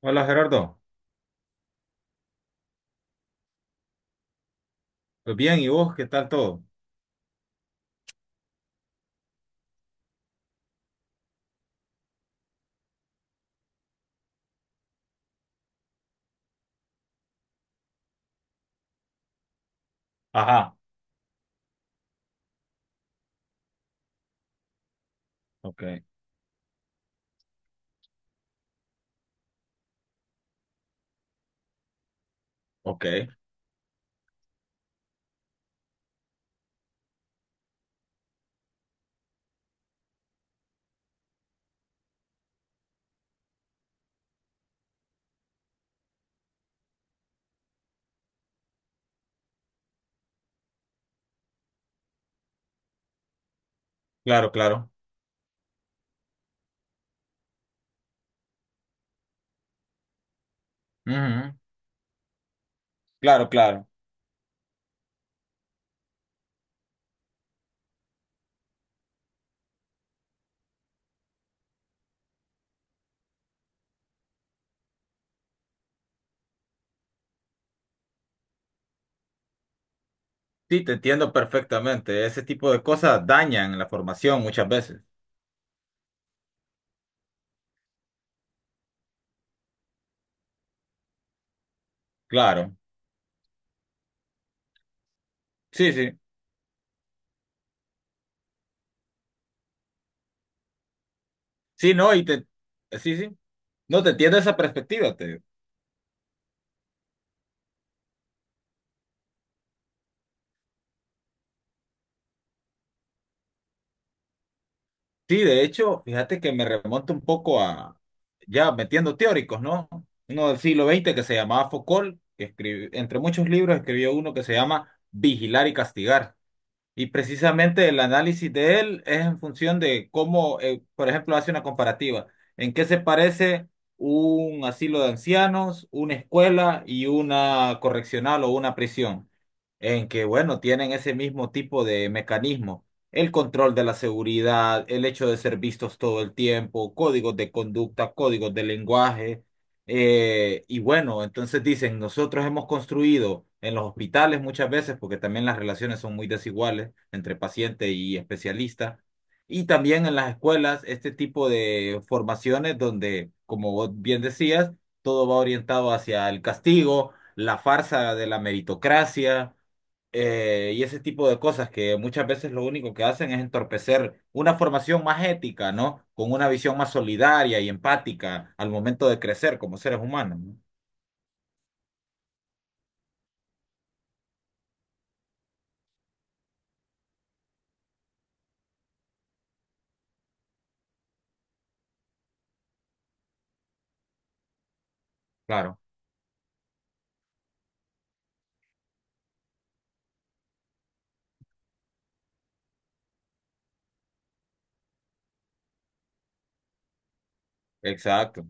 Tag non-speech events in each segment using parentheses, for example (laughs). Hola Gerardo, pues bien, ¿y vos qué tal todo? Ajá. Ok, ok. Claro, claro. Ujú. Claro, claro. Sí, te entiendo perfectamente. Ese tipo de cosas dañan la formación muchas veces. Claro, sí, sí, sí, no, sí, sí, no te entiendo esa perspectiva. Te Sí, de hecho, fíjate que me remonta un poco ya metiendo teóricos, ¿no? Uno del siglo XX que se llamaba Foucault, que escribió, entre muchos libros escribió uno que se llama Vigilar y Castigar. Y precisamente el análisis de él es en función de cómo, por ejemplo, hace una comparativa. ¿En qué se parece un asilo de ancianos, una escuela y una correccional o una prisión? En que, bueno, tienen ese mismo tipo de mecanismo. El control de la seguridad, el hecho de ser vistos todo el tiempo, códigos de conducta, códigos de lenguaje. Y bueno, entonces dicen, nosotros hemos construido en los hospitales muchas veces, porque también las relaciones son muy desiguales entre paciente y especialista, y también en las escuelas, este tipo de formaciones donde, como vos bien decías, todo va orientado hacia el castigo, la farsa de la meritocracia, y ese tipo de cosas que muchas veces lo único que hacen es entorpecer una formación más ética, ¿no? Con una visión más solidaria y empática al momento de crecer como seres humanos, ¿no? Claro, exacto.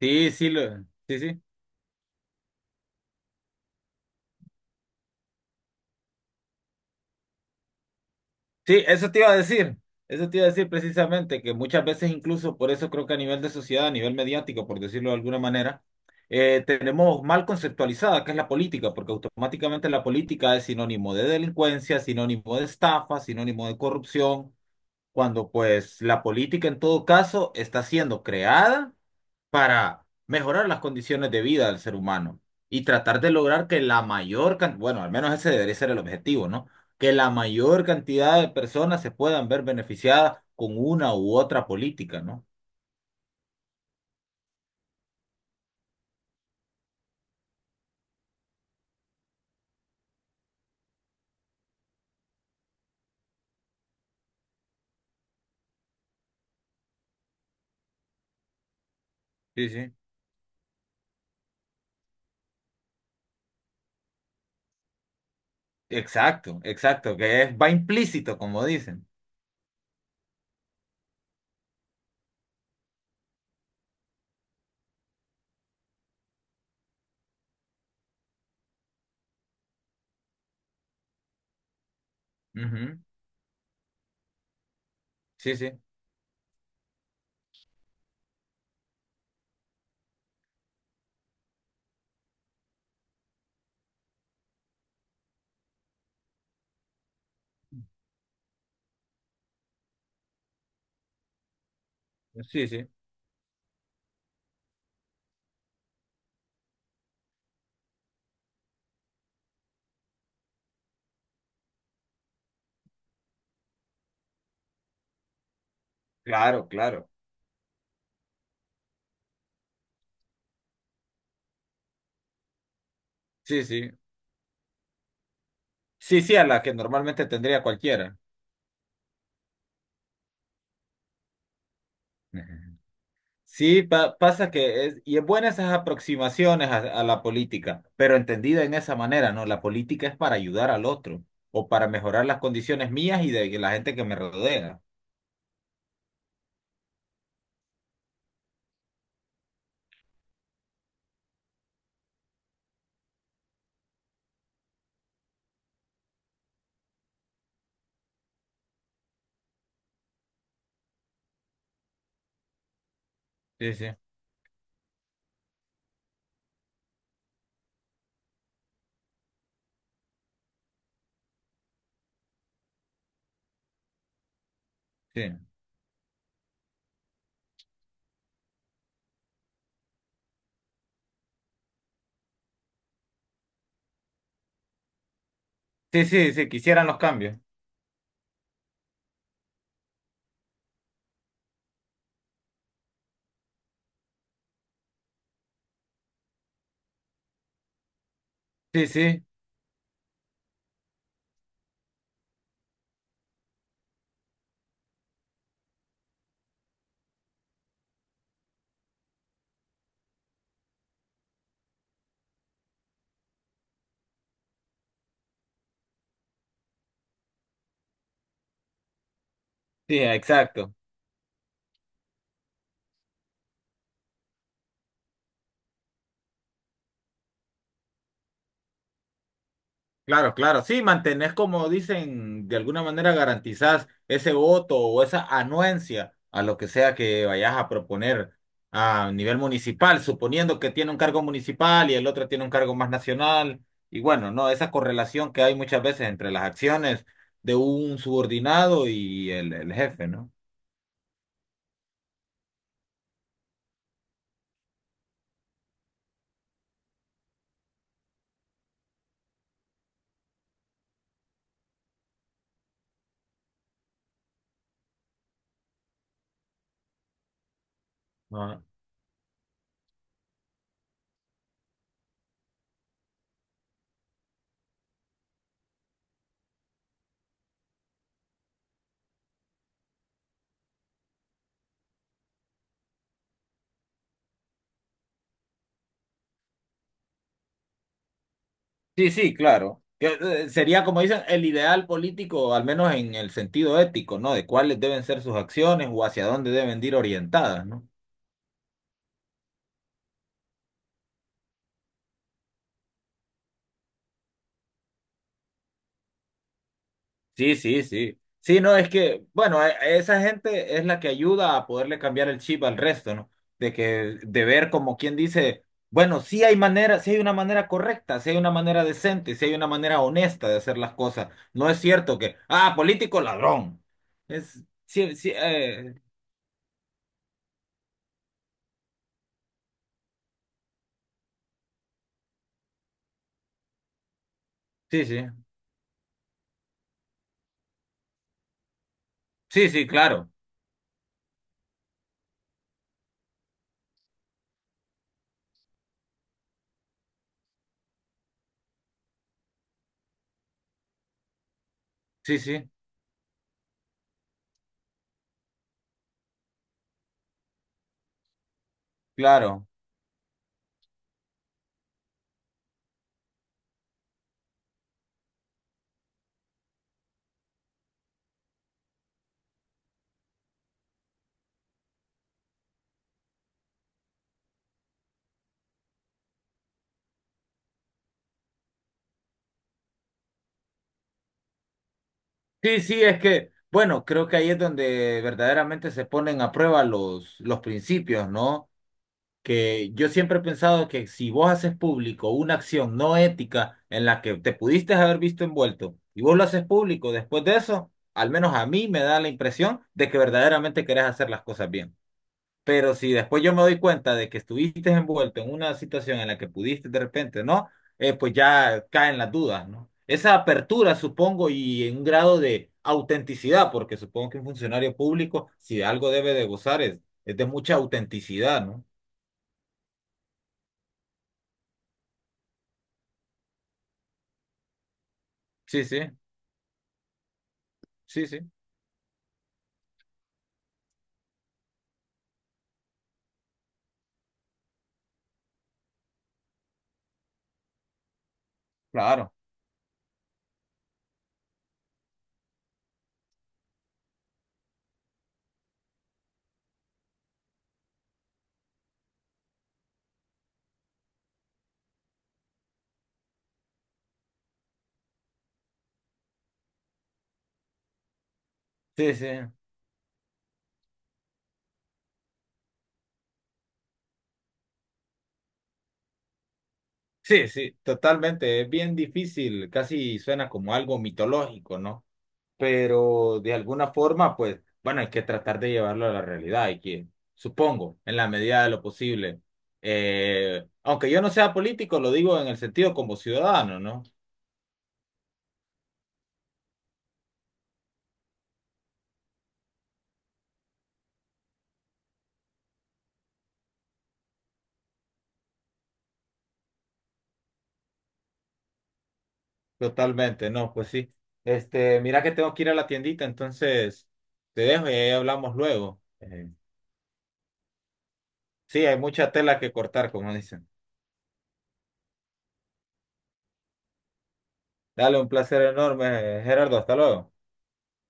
Sí, sí, sí, sí. Sí, eso te iba a decir. Eso te iba a decir precisamente, que muchas veces incluso, por eso creo que a nivel de sociedad, a nivel mediático, por decirlo de alguna manera, tenemos mal conceptualizada qué es la política, porque automáticamente la política es sinónimo de delincuencia, sinónimo de estafa, sinónimo de corrupción. Cuando pues la política en todo caso está siendo creada para mejorar las condiciones de vida del ser humano y tratar de lograr que la mayor cantidad, bueno, al menos ese debería ser el objetivo, ¿no? Que la mayor cantidad de personas se puedan ver beneficiadas con una u otra política, ¿no? Sí, sí. Exacto, exacto, que es, va implícito, como dicen. Ujú. Sí, sí, sí, sí. Claro, claro. Sí, sí. Sí, sí, a la que normalmente tendría cualquiera. (laughs) Sí, pasa que es, y es buena esas aproximaciones a la política, pero entendida en esa manera, ¿no? La política es para ayudar al otro o para mejorar las condiciones mías y de la gente que me rodea. Sí, sí, sí. Sí, sí, sí, quisieran los cambios. Sí, sí, sí, exacto. Claro, claro, sí, mantenés como dicen, de alguna manera garantizás ese voto o esa anuencia a lo que sea que vayas a proponer a nivel municipal, suponiendo que tiene un cargo municipal y el otro tiene un cargo más nacional. Y bueno, no, esa correlación que hay muchas veces entre las acciones de un subordinado y el jefe, ¿no? Sí, sí, claro. Que, sería, como dicen, el ideal político, al menos en el sentido ético, ¿no? De cuáles deben ser sus acciones o hacia dónde deben ir orientadas, ¿no? Sí, sí, sí. Sí, no, es que, bueno, esa gente es la que ayuda a poderle cambiar el chip al resto, ¿no? De que, de ver como quien dice, bueno, sí hay manera, sí hay una manera correcta, sí hay una manera decente, sí hay una manera honesta de hacer las cosas. No es cierto que, ah, político ladrón. Es, sí, sí, sí, sí. Sí, sí, claro. Sí, sí, claro. Sí, sí, es que, bueno, creo que ahí es donde verdaderamente se ponen a prueba los principios, ¿no? Que yo siempre he pensado que si vos haces público una acción no ética en la que te pudiste haber visto envuelto y vos lo haces público después de eso, al menos a mí me da la impresión de que verdaderamente querés hacer las cosas bien. Pero si después yo me doy cuenta de que estuviste envuelto en una situación en la que pudiste de repente, ¿no? Pues ya caen las dudas, ¿no? Esa apertura, supongo, y en un grado de autenticidad, porque supongo que un funcionario público, si de algo debe de gozar, es, de mucha autenticidad, ¿no? Sí, sí, sí, sí, claro. Sí, sí, sí, sí, totalmente. Es bien difícil, casi suena como algo mitológico, ¿no? Pero de alguna forma, pues, bueno, hay que tratar de llevarlo a la realidad, hay que, supongo, en la medida de lo posible. Aunque yo no sea político, lo digo en el sentido como ciudadano, ¿no? Totalmente, no, pues sí. Este, mira que tengo que ir a la tiendita, entonces te dejo y ahí hablamos luego. Sí, hay mucha tela que cortar, como dicen. Dale, un placer enorme, Gerardo, hasta luego.